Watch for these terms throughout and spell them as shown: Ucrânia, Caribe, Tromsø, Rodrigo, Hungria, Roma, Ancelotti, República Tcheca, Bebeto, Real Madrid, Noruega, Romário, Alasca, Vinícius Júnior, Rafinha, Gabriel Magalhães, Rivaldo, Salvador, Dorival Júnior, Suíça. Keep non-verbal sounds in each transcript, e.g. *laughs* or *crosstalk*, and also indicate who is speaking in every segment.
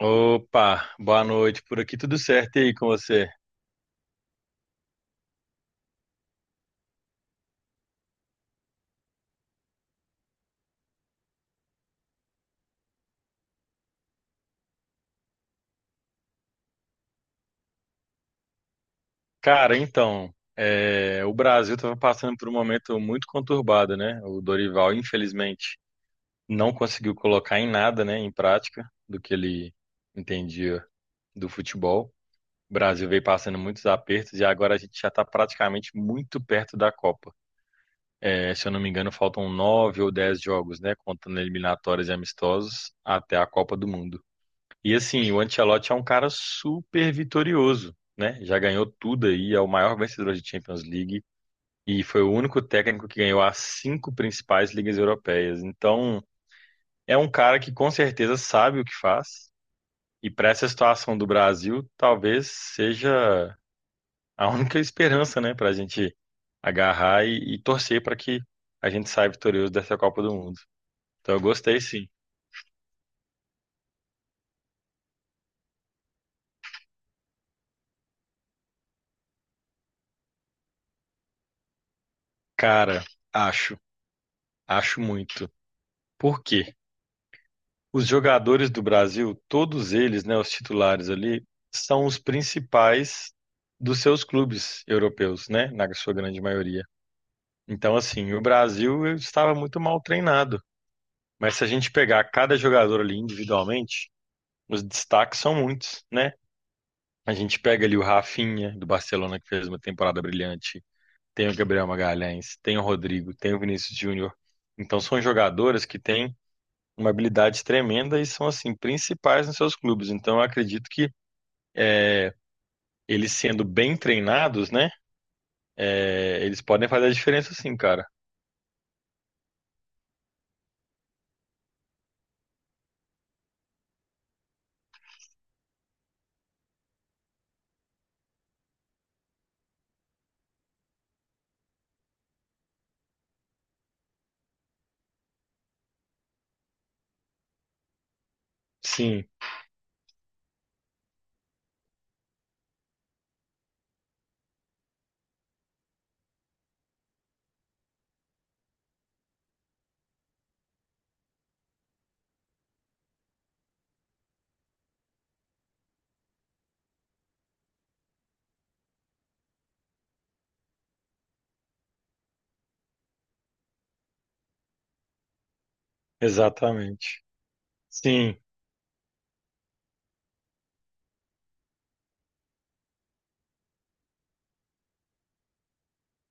Speaker 1: Opa, boa noite. Por aqui tudo certo e aí com você? Cara, então, o Brasil estava passando por um momento muito conturbado, né? O Dorival, infelizmente, não conseguiu colocar em nada, né, em prática, do que ele entendia do futebol. O Brasil veio passando muitos apertos e agora a gente já está praticamente muito perto da Copa. Se eu não me engano, faltam 9 ou 10 jogos, né, contando eliminatórias e amistosos, até a Copa do Mundo. E assim, o Ancelotti é um cara super vitorioso, né? Já ganhou tudo aí, é o maior vencedor de Champions League e foi o único técnico que ganhou as cinco principais ligas europeias. Então, é um cara que com certeza sabe o que faz. E para essa situação do Brasil, talvez seja a *laughs* única esperança, né, para a gente agarrar e torcer para que a gente saia vitorioso dessa Copa do Mundo. Então, eu gostei sim. Cara, acho, acho muito. Por quê? Os jogadores do Brasil, todos eles, né, os titulares ali, são os principais dos seus clubes europeus, né, na sua grande maioria. Então, assim, o Brasil estava muito mal treinado. Mas se a gente pegar cada jogador ali individualmente, os destaques são muitos, né? A gente pega ali o Rafinha, do Barcelona, que fez uma temporada brilhante. Tem o Gabriel Magalhães, tem o Rodrigo, tem o Vinícius Júnior. Então, são jogadores que têm uma habilidade tremenda e são assim principais nos seus clubes. Então eu acredito que eles sendo bem treinados, né, eles podem fazer a diferença sim, cara. Sim, exatamente. Sim,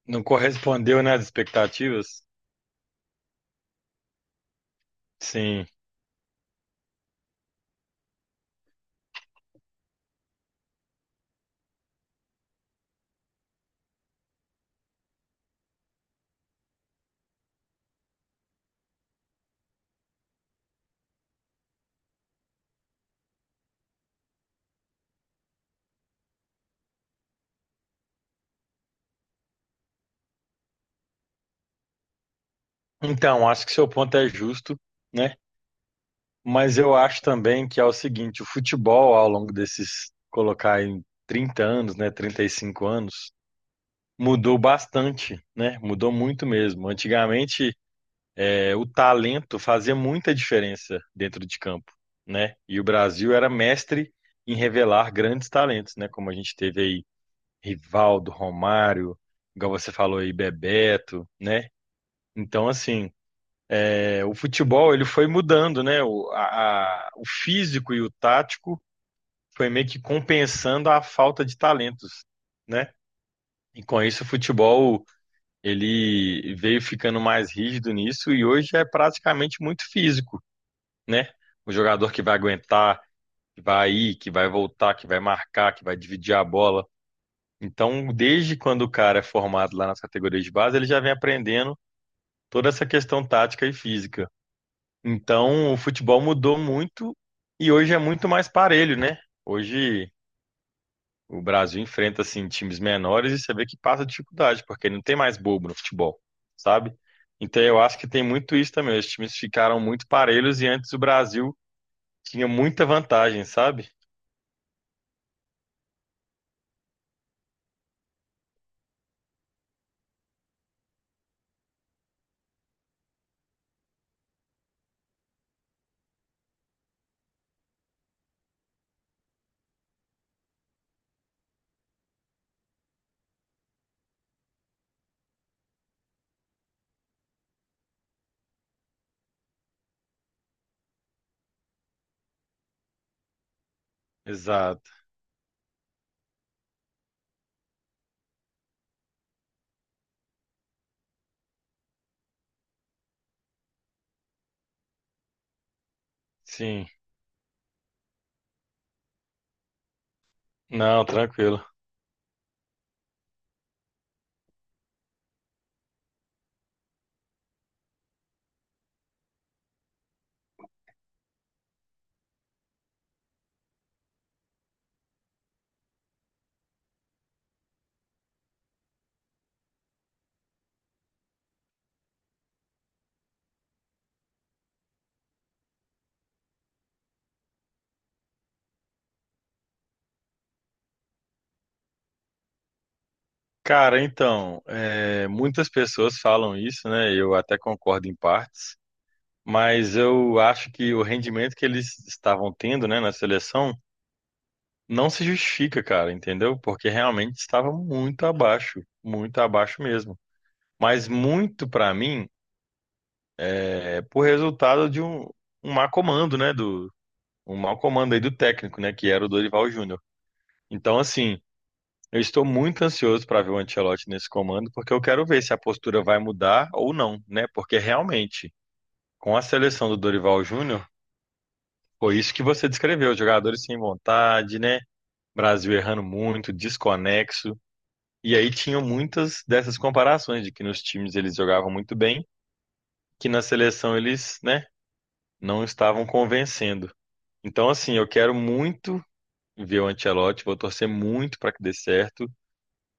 Speaker 1: não correspondeu, né, às expectativas? Sim. Então, acho que seu ponto é justo, né? Mas eu acho também que é o seguinte, o futebol ao longo desses colocar em 30 anos, né, 35 anos, mudou bastante, né? Mudou muito mesmo. Antigamente o talento fazia muita diferença dentro de campo, né? E o Brasil era mestre em revelar grandes talentos, né? Como a gente teve aí Rivaldo, Romário, igual você falou aí, Bebeto, né? Então, assim, o futebol ele foi mudando, né? O físico e o tático foi meio que compensando a falta de talentos, né? E com isso o futebol ele veio ficando mais rígido nisso e hoje é praticamente muito físico. Né? O jogador que vai aguentar, que vai ir, que vai voltar, que vai marcar, que vai dividir a bola. Então, desde quando o cara é formado lá nas categorias de base, ele já vem aprendendo toda essa questão tática e física. Então, o futebol mudou muito e hoje é muito mais parelho, né? Hoje o Brasil enfrenta assim times menores e você vê que passa dificuldade, porque não tem mais bobo no futebol, sabe? Então, eu acho que tem muito isso também. Os times ficaram muito parelhos e antes o Brasil tinha muita vantagem, sabe? Exato. Sim. Não, tranquilo. Cara, então, muitas pessoas falam isso, né? Eu até concordo em partes, mas eu acho que o rendimento que eles estavam tendo, né, na seleção não se justifica, cara, entendeu? Porque realmente estava muito abaixo mesmo. Mas muito pra mim é por resultado de um má comando, né? Um mau comando aí do técnico, né? Que era o Dorival Júnior. Então, assim. Eu estou muito ansioso para ver o Ancelotti nesse comando, porque eu quero ver se a postura vai mudar ou não, né? Porque realmente, com a seleção do Dorival Júnior, foi isso que você descreveu, os jogadores sem vontade, né? Brasil errando muito, desconexo. E aí tinham muitas dessas comparações de que nos times eles jogavam muito bem, que na seleção eles, né, não estavam convencendo. Então, assim, eu quero muito ver o Ancelotti, vou torcer muito para que dê certo.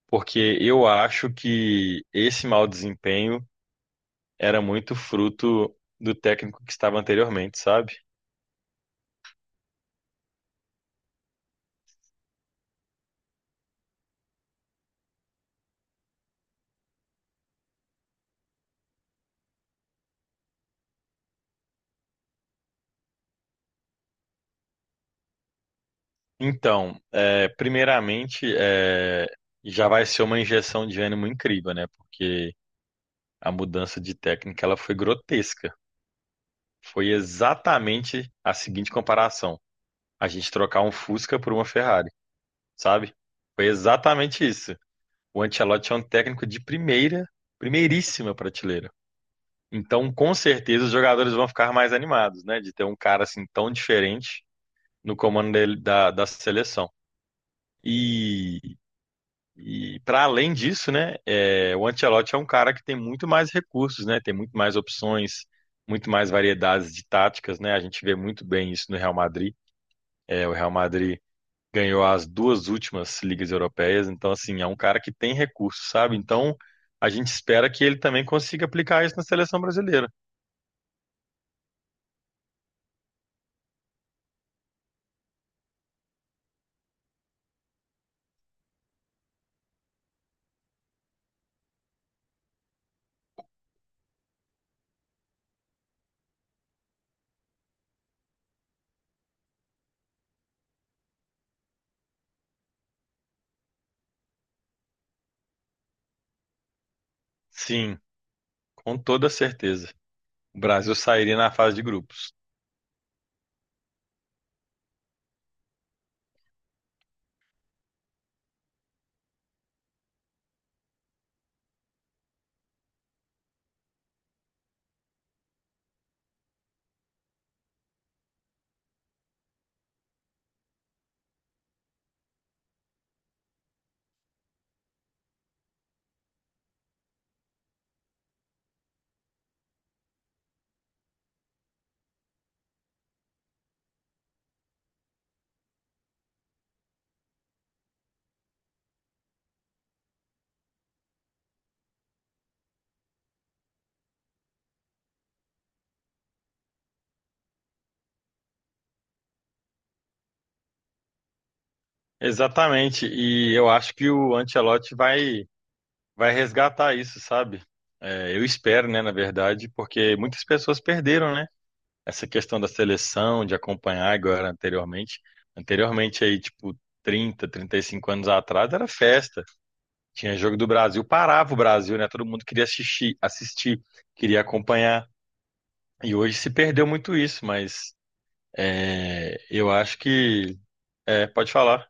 Speaker 1: Porque eu acho que esse mau desempenho era muito fruto do técnico que estava anteriormente, sabe? Então, primeiramente, já vai ser uma injeção de ânimo incrível, né? Porque a mudança de técnica ela foi grotesca. Foi exatamente a seguinte comparação: a gente trocar um Fusca por uma Ferrari, sabe? Foi exatamente isso. O Ancelotti é um técnico de primeira, primeiríssima prateleira. Então, com certeza, os jogadores vão ficar mais animados, né? De ter um cara assim tão diferente no comando dele- da seleção. E, e para além disso, né? O Ancelotti é um cara que tem muito mais recursos, né? Tem muito mais opções, muito mais variedades de táticas, né? A gente vê muito bem isso no Real Madrid. É, o Real Madrid ganhou as duas últimas ligas europeias, então assim, é um cara que tem recursos, sabe? Então, a gente espera que ele também consiga aplicar isso na seleção brasileira. Sim, com toda certeza. O Brasil sairia na fase de grupos. Exatamente. E eu acho que o Ancelotti vai, vai resgatar isso, sabe? É, eu espero, né, na verdade, porque muitas pessoas perderam, né? Essa questão da seleção, de acompanhar agora anteriormente. Anteriormente, aí, tipo, 30, 35 anos atrás, era festa. Tinha jogo do Brasil, parava o Brasil, né? Todo mundo queria assistir, assistir, queria acompanhar. E hoje se perdeu muito isso, mas eu acho que é, pode falar.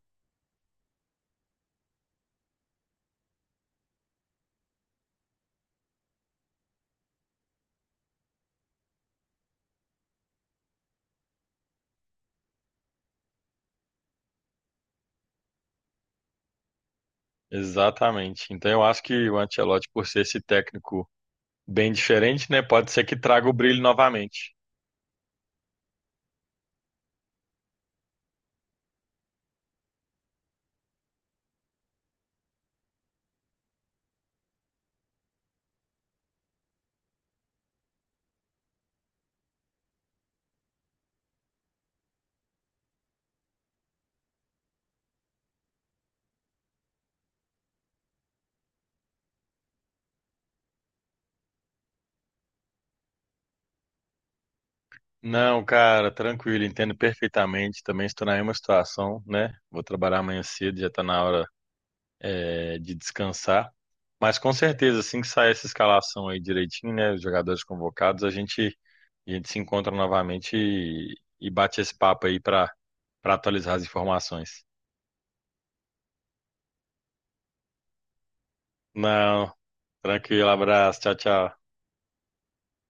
Speaker 1: Exatamente. Então eu acho que o Ancelotti, por ser esse técnico bem diferente, né, pode ser que traga o brilho novamente. Não, cara, tranquilo, entendo perfeitamente. Também estou na mesma situação, né? Vou trabalhar amanhã cedo, já está na hora, de descansar. Mas com certeza, assim que sair essa escalação aí direitinho, né, os jogadores convocados, a gente se encontra novamente e bate esse papo aí para atualizar as informações. Não, tranquilo, abraço, tchau, tchau.